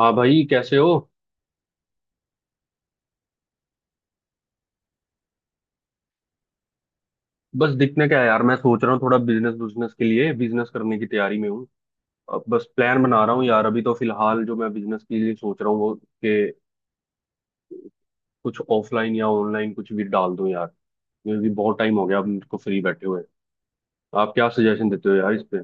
हाँ भाई कैसे हो? बस दिखने क्या है यार। मैं सोच रहा हूँ थोड़ा बिजनेस बिजनेस के लिए बिजनेस करने की तैयारी में हूँ। अब बस प्लान बना रहा हूँ यार। अभी तो फिलहाल जो मैं बिजनेस के लिए सोच रहा हूँ वो कि कुछ ऑफलाइन या ऑनलाइन कुछ भी डाल दूँ यार, क्योंकि बहुत टाइम हो गया अब मुझको फ्री बैठे हुए। आप क्या सजेशन देते हो यार इस पे?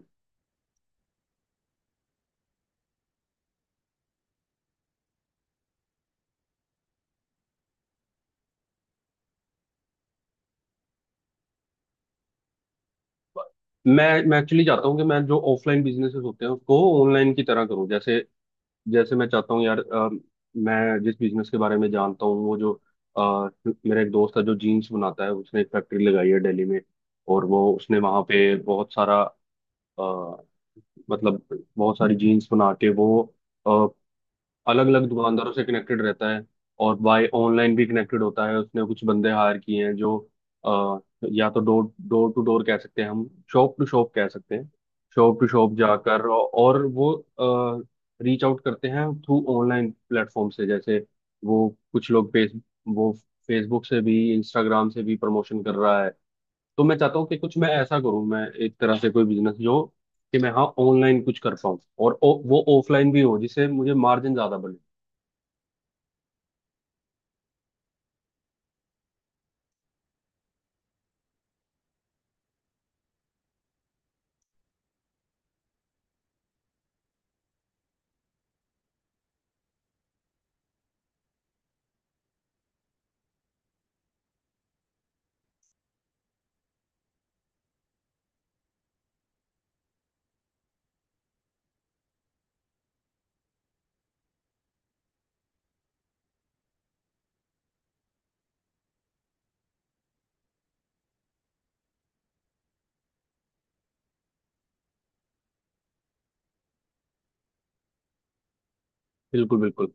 मैं एक्चुअली चाहता हूँ कि मैं जो ऑफलाइन बिजनेसेस होते हैं उसको ऑनलाइन की तरह करूँ। जैसे जैसे मैं चाहता हूँ यार, मैं जिस बिजनेस के बारे में जानता हूँ वो जो अ, मेरा एक दोस्त है जो जीन्स बनाता है। उसने एक फैक्ट्री लगाई है दिल्ली में और वो उसने वहाँ पे बहुत सारा अ, मतलब बहुत सारी जीन्स बना के वो अलग अलग दुकानदारों से कनेक्टेड रहता है। और बाय ऑनलाइन भी कनेक्टेड होता है। उसने कुछ बंदे हायर किए हैं जो अ, या तो डोर डोर टू डोर कह सकते हैं हम, शॉप टू शॉप कह सकते हैं। शॉप टू शॉप जाकर, और वो रीच आउट करते हैं थ्रू ऑनलाइन प्लेटफॉर्म से। जैसे वो कुछ लोग फेस वो फेसबुक से भी इंस्टाग्राम से भी प्रमोशन कर रहा है। तो मैं चाहता हूँ कि कुछ मैं ऐसा करूँ। मैं एक तरह से कोई बिजनेस जो कि मैं, हाँ, ऑनलाइन कुछ कर पाऊँ और वो ऑफलाइन भी हो, जिससे मुझे मार्जिन ज्यादा बने। बिल्कुल, बिल्कुल।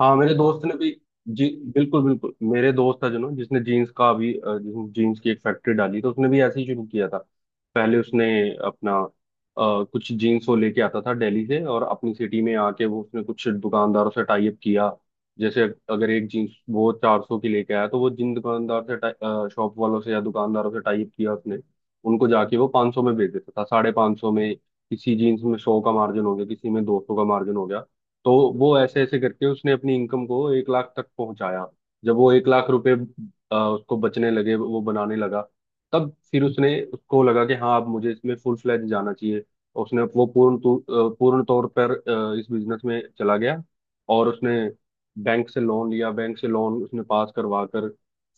हाँ मेरे दोस्त ने भी, जी, बिल्कुल बिल्कुल। मेरे दोस्त था जो ना, जिसने जीन्स का अभी जिसने जीन्स की एक फैक्ट्री डाली, तो उसने भी ऐसे ही शुरू किया था। पहले उसने अपना कुछ जीन्स वो लेके आता था दिल्ली से और अपनी सिटी में आके वो उसने कुछ दुकानदारों से टाई अप किया। जैसे अगर एक जीन्स वो 400 की लेके आया, तो वो जिन दुकानदार से, शॉप वालों से या दुकानदारों से टाई अप किया उसने, उनको जाके वो 500 में बेच देता था, 550 में। किसी जीन्स में 100 का मार्जिन हो गया, किसी में 200 का मार्जिन हो गया। तो वो ऐसे ऐसे करके उसने अपनी इनकम को 1 लाख तक पहुंचाया। जब वो 1 लाख रुपए उसको बचने लगे, वो बनाने लगा, तब फिर उसने, उसको लगा कि हाँ अब मुझे इसमें फुल फ्लैज जाना चाहिए। और उसने वो पूर्ण तौर पर इस बिजनेस में चला गया। और उसने बैंक से लोन लिया। बैंक से लोन उसने पास करवा कर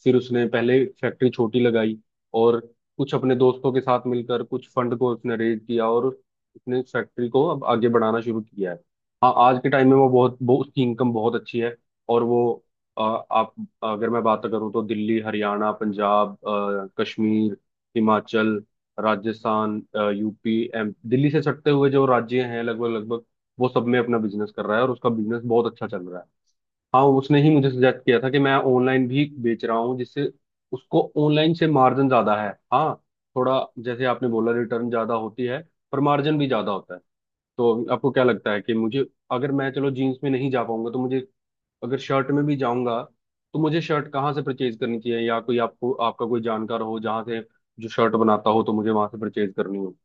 फिर उसने पहले फैक्ट्री छोटी लगाई और कुछ अपने दोस्तों के साथ मिलकर कुछ फंड को उसने रेज किया और उसने फैक्ट्री को अब आगे बढ़ाना शुरू किया है। आज के टाइम में वो बहुत, वो उसकी इनकम बहुत अच्छी है। और वो आ, आप अगर मैं बात करूँ तो दिल्ली, हरियाणा, पंजाब, कश्मीर, हिमाचल, राजस्थान, यूपी, एम दिल्ली से सटते हुए जो राज्य हैं, लगभग लगभग वो सब में अपना बिजनेस कर रहा है और उसका बिजनेस बहुत अच्छा चल रहा है। हाँ उसने ही मुझे सजेस्ट किया था कि मैं ऑनलाइन भी बेच रहा हूँ, जिससे उसको ऑनलाइन से मार्जिन ज्यादा है। हाँ, थोड़ा, जैसे आपने बोला, रिटर्न ज्यादा होती है पर मार्जिन भी ज्यादा होता है। तो आपको क्या लगता है कि मुझे, अगर मैं चलो जीन्स में नहीं जा पाऊंगा तो मुझे, अगर शर्ट में भी जाऊंगा, तो मुझे शर्ट कहाँ से परचेज करनी चाहिए, या कोई आपको, आपका कोई जानकार हो जहाँ से, जो शर्ट बनाता हो, तो मुझे वहां से परचेज करनी हो।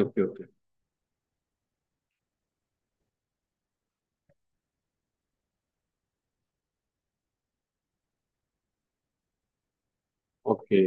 Okay, okay, okay, okay.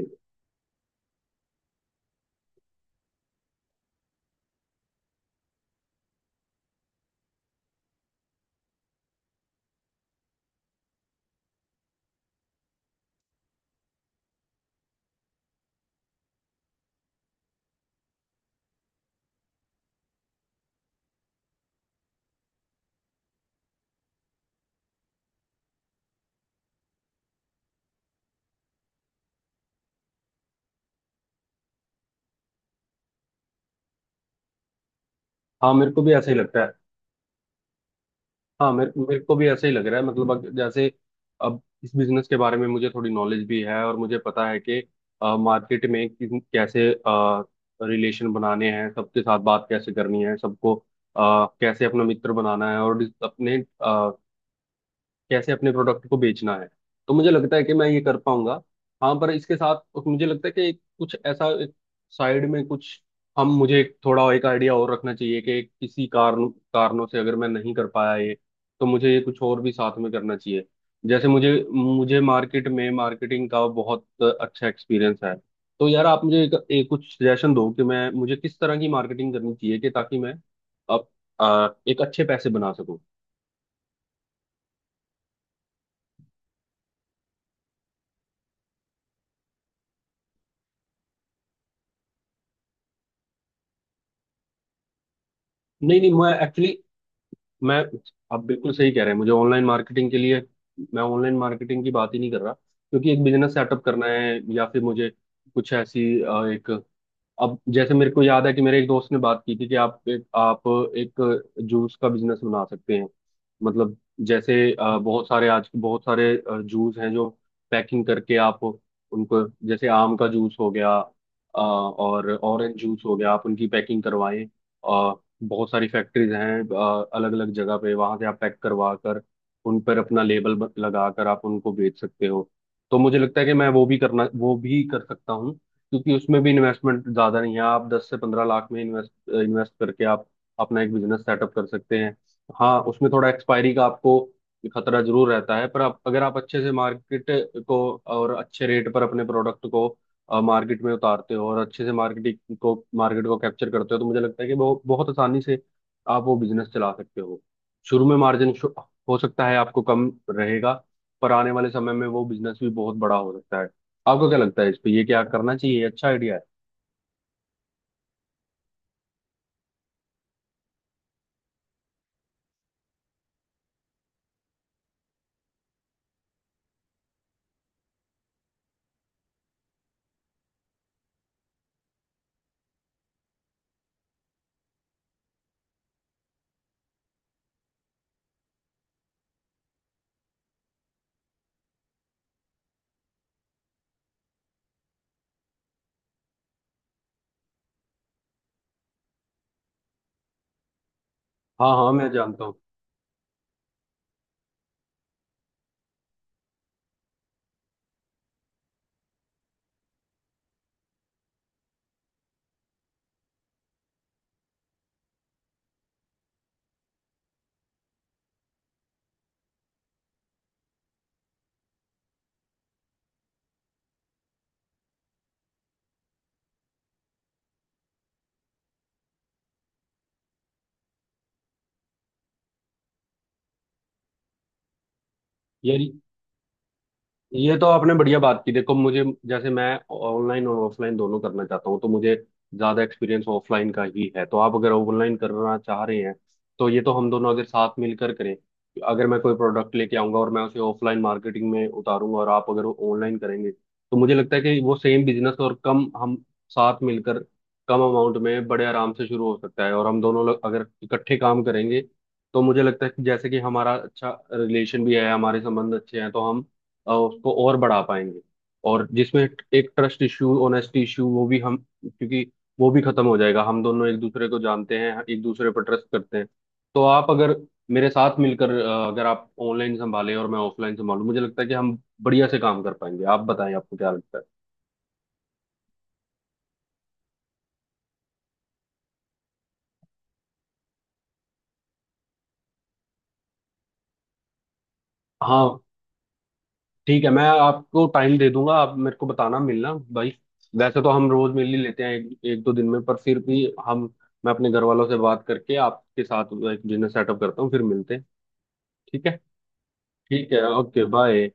हाँ मेरे को भी ऐसा ही लगता है। हाँ मेरे मेरे को भी ऐसा ही लग रहा है। मतलब जैसे अब इस बिजनेस के बारे में मुझे थोड़ी नॉलेज भी है और मुझे पता है कि मार्केट में कैसे रिलेशन बनाने हैं सबके साथ, बात कैसे करनी है सबको, कैसे अपना मित्र बनाना है और अपने, कैसे अपने प्रोडक्ट को बेचना है। तो मुझे लगता है कि मैं ये कर पाऊंगा। हाँ पर इसके साथ मुझे लगता है कि कुछ ऐसा एक, साइड में कुछ हम, मुझे एक थोड़ा एक आइडिया और रखना चाहिए कि किसी कारण, कारणों से अगर मैं नहीं कर पाया ये, तो मुझे ये कुछ और भी साथ में करना चाहिए। जैसे मुझे मुझे मार्केट में मार्केटिंग का बहुत अच्छा एक्सपीरियंस है। तो यार आप मुझे एक कुछ सजेशन दो कि मैं, मुझे किस तरह की मार्केटिंग करनी चाहिए कि ताकि मैं अब एक अच्छे पैसे बना सकूं। नहीं नहीं, मैं एक्चुअली मैं आप बिल्कुल सही कह रहे हैं। मुझे ऑनलाइन मार्केटिंग के लिए, मैं ऑनलाइन मार्केटिंग की बात ही नहीं कर रहा, क्योंकि एक बिजनेस सेटअप करना है या फिर मुझे कुछ ऐसी एक, अब जैसे मेरे को याद है कि मेरे एक दोस्त ने बात की थी कि आप एक जूस का बिजनेस बना सकते हैं। मतलब जैसे बहुत सारे आज, बहुत सारे जूस हैं जो पैकिंग करके आप उनको, जैसे आम का जूस हो गया, और ऑरेंज जूस हो गया, आप उनकी पैकिंग करवाएं। अ, बहुत सारी फैक्ट्रीज हैं अलग अलग जगह पे, वहां से आप पैक करवा कर उन पर अपना लेबल लगा कर आप उनको बेच सकते हो। तो मुझे लगता है कि मैं वो भी करना, वो भी कर सकता हूँ, क्योंकि उसमें भी इन्वेस्टमेंट ज्यादा नहीं है। आप 10 से 15 लाख में इन्वेस्ट इन्वेस्ट करके आप अपना एक बिजनेस सेटअप कर सकते हैं। हाँ उसमें थोड़ा एक्सपायरी का आपको खतरा जरूर रहता है, पर आप, अगर आप अच्छे से मार्केट को और अच्छे रेट पर अपने प्रोडक्ट को मार्केट में उतारते हो और अच्छे से मार्केटिंग को, मार्केट को कैप्चर करते हो, तो मुझे लगता है कि बहुत बहुत आसानी से आप वो बिजनेस चला सकते हो। शुरू में मार्जिन हो सकता है आपको कम रहेगा, पर आने वाले समय में वो बिजनेस भी बहुत बड़ा हो सकता है। आपको क्या लगता है इस पे? ये क्या करना चाहिए? ये अच्छा आइडिया है? हाँ हाँ, मैं जानता हूँ। ये ये तो आपने बढ़िया बात की। देखो, मुझे, जैसे मैं ऑनलाइन और ऑफलाइन दोनों करना चाहता हूँ, तो मुझे ज्यादा एक्सपीरियंस ऑफलाइन का ही है। तो आप अगर ऑनलाइन करना चाह रहे हैं, तो ये तो हम दोनों अगर साथ मिलकर करें, अगर मैं कोई प्रोडक्ट लेके आऊंगा और मैं उसे ऑफलाइन मार्केटिंग में उतारूंगा और आप अगर ऑनलाइन करेंगे, तो मुझे लगता है कि वो सेम बिजनेस, और कम, हम साथ मिलकर कम अमाउंट में बड़े आराम से शुरू हो सकता है। और हम दोनों लोग अगर इकट्ठे काम करेंगे, तो मुझे लगता है कि, जैसे कि हमारा अच्छा रिलेशन भी है, हमारे संबंध अच्छे हैं, तो हम उसको और बढ़ा पाएंगे। और जिसमें एक ट्रस्ट इशू, ऑनेस्टी इशू, वो भी हम, क्योंकि वो भी खत्म हो जाएगा, हम दोनों एक दूसरे को जानते हैं, एक दूसरे पर ट्रस्ट करते हैं। तो आप अगर मेरे साथ मिलकर, अगर आप ऑनलाइन संभालें और मैं ऑफलाइन संभालूं, मुझे लगता है कि हम बढ़िया से काम कर पाएंगे। आप बताएं, आपको क्या लगता है? हाँ ठीक है, मैं आपको टाइम दे दूंगा। आप मेरे को बताना, मिलना भाई। वैसे तो हम रोज मिल ही लेते हैं एक दो दिन में, पर फिर भी हम, मैं अपने घर वालों से बात करके आपके साथ एक बिजनेस सेटअप करता हूँ, फिर मिलते हैं। ठीक है। ठीक है, ओके बाय।